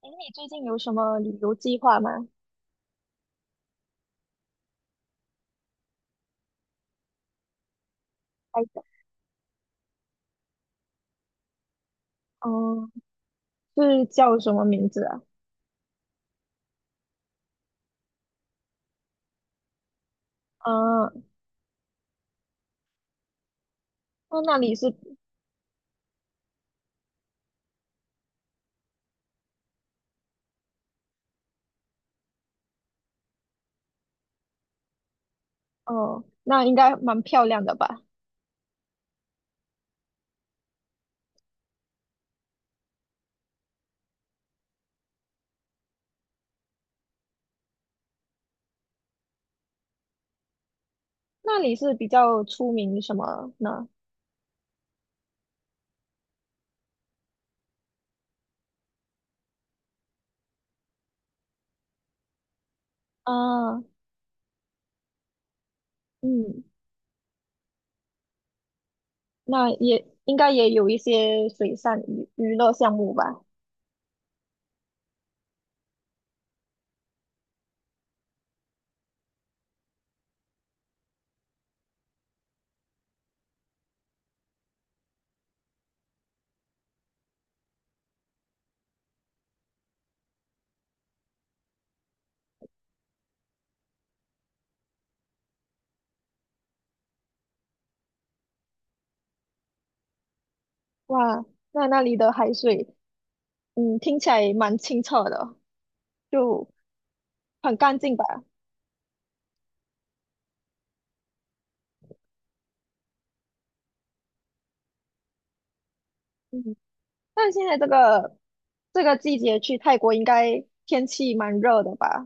哎，你最近有什么旅游计划吗？哎，嗯，是叫什么名字啊？嗯，那里是。哦，那应该蛮漂亮的吧？那里是比较出名什么呢？啊，嗯，那也应该也有一些水上娱乐项目吧？哇，那里的海水，嗯，听起来蛮清澈的，就很干净吧？嗯，但现在这个季节去泰国应该天气蛮热的吧？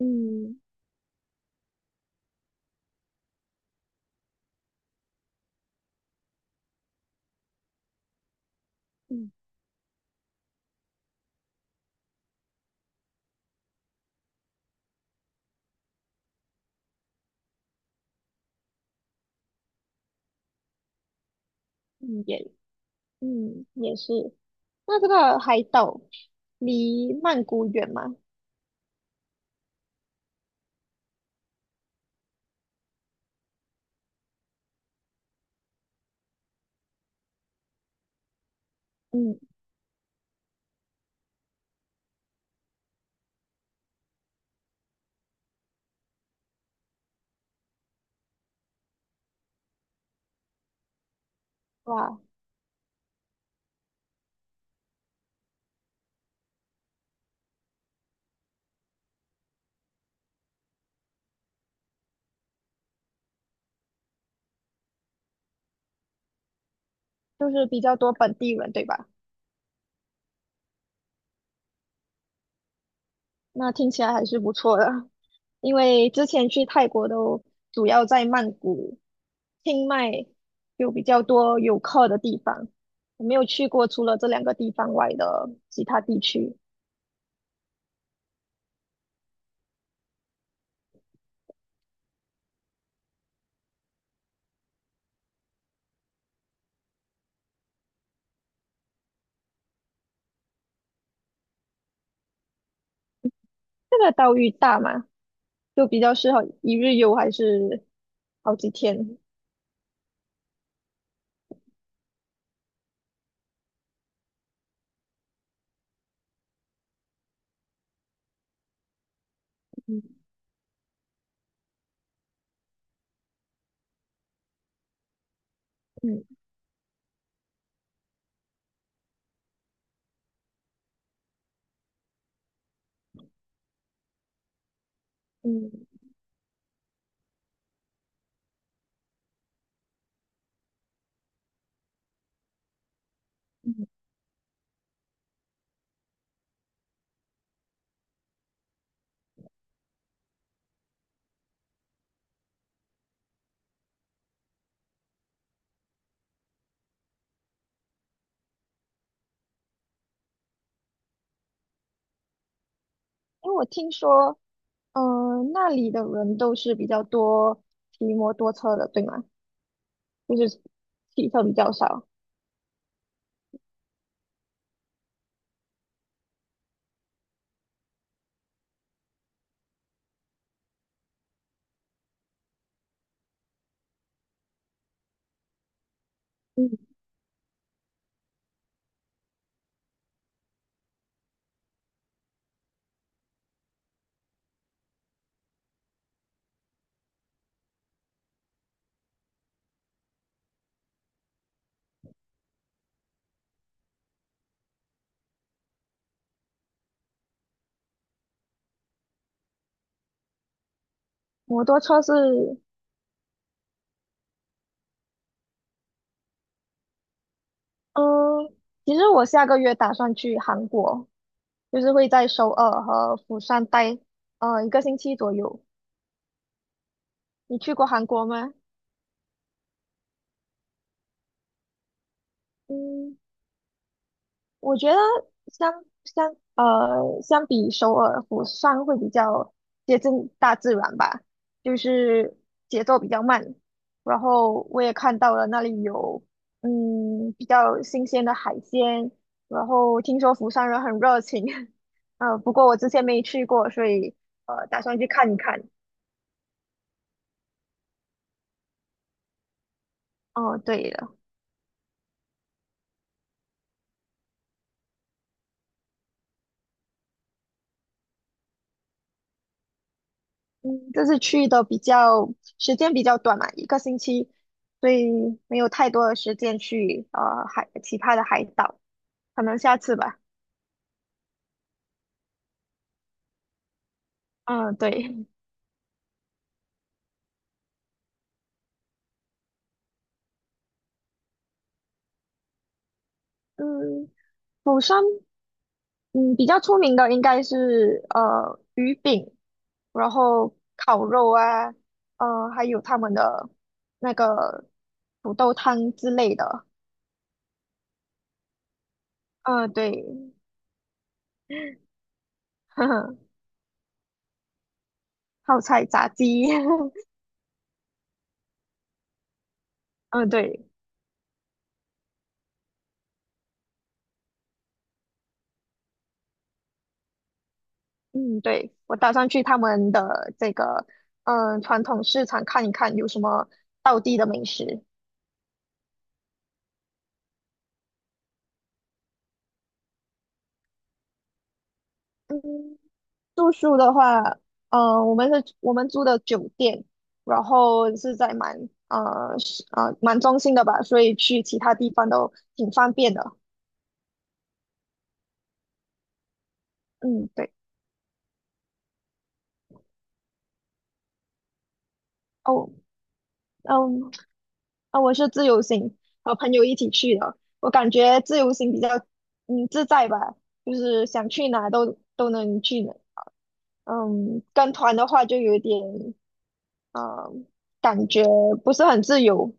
嗯嗯嗯，也是。那这个海岛离曼谷远吗？嗯，哇，就是比较多本地人，对吧？那听起来还是不错的，因为之前去泰国都主要在曼谷、清迈有比较多游客的地方，我没有去过除了这两个地方外的其他地区。这个岛屿大吗？就比较适合一日游还是好几天？嗯嗯嗯。嗯因为我听说，嗯、那里的人都是比较多骑摩托车的，对吗？就是汽车比较少。嗯，摩托车是。嗯，其实我下个月打算去韩国，就是会在首尔和釜山待，一个星期左右。你去过韩国吗？嗯，我觉得相相相比首尔、釜山会比较接近大自然吧，就是节奏比较慢。然后我也看到了那里有比较新鲜的海鲜，然后听说釜山人很热情。不过我之前没去过，所以打算去看一看。哦，对了。嗯，这次去的时间比较短嘛，一个星期，所以没有太多的时间去其他的海岛，可能下次吧。嗯，对。嗯，釜山，嗯，比较出名的应该是鱼饼，然后烤肉啊，还有他们的那个土豆汤之类的。嗯，对，呵呵，泡菜炸鸡，嗯，对。嗯，对，我打算去他们的这个传统市场看一看有什么道地的美食。嗯，住宿的话，我们租的酒店，然后是在蛮中心的吧，所以去其他地方都挺方便的。嗯，对，哦，嗯，啊，我是自由行，和朋友一起去的，我感觉自由行比较自在吧，就是想去哪都能去，嗯，跟团的话就有点，嗯，感觉不是很自由。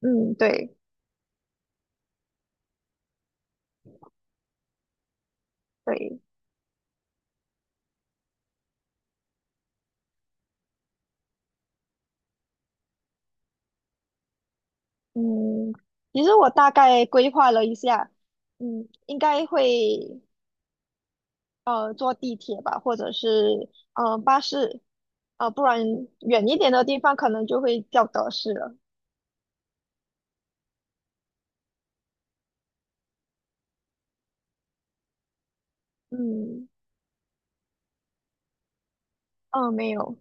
嗯，对对。嗯，其实我大概规划了一下，嗯，应该会坐地铁吧，或者是巴士，不然远一点的地方可能就会叫德士了。嗯嗯，没有。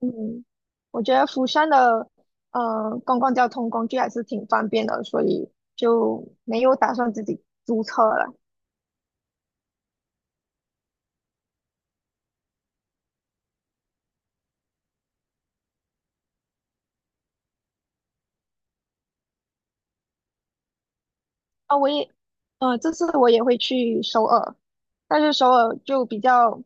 嗯，我觉得釜山的公共交通工具还是挺方便的，所以就没有打算自己租车了。啊，我也，这次我也会去首尔，但是首尔就比较，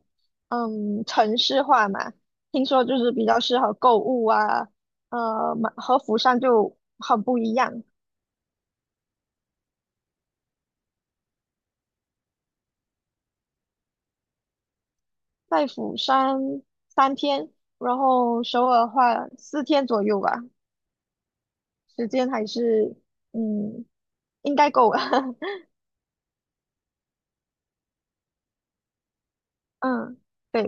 嗯，城市化嘛，听说就是比较适合购物啊，嘛和釜山就很不一样。在釜山3天，然后首尔的话4天左右吧，时间还是，嗯，应该够了。嗯，对。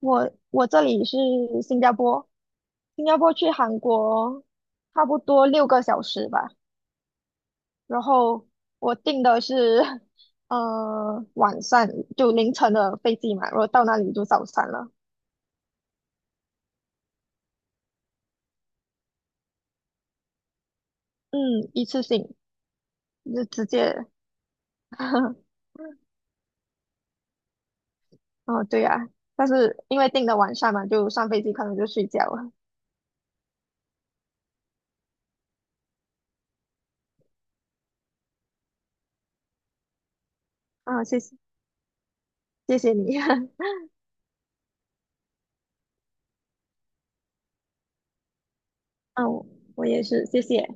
我这里是新加坡，新加坡去韩国差不多6个小时吧。然后我订的是 呃晚上就凌晨的飞机嘛，然后到那里就早餐了。嗯，一次性就直接。哦，对呀、但是因为订的晚上嘛，就上飞机可能就睡觉了。啊、谢谢你，嗯、我也是，谢谢。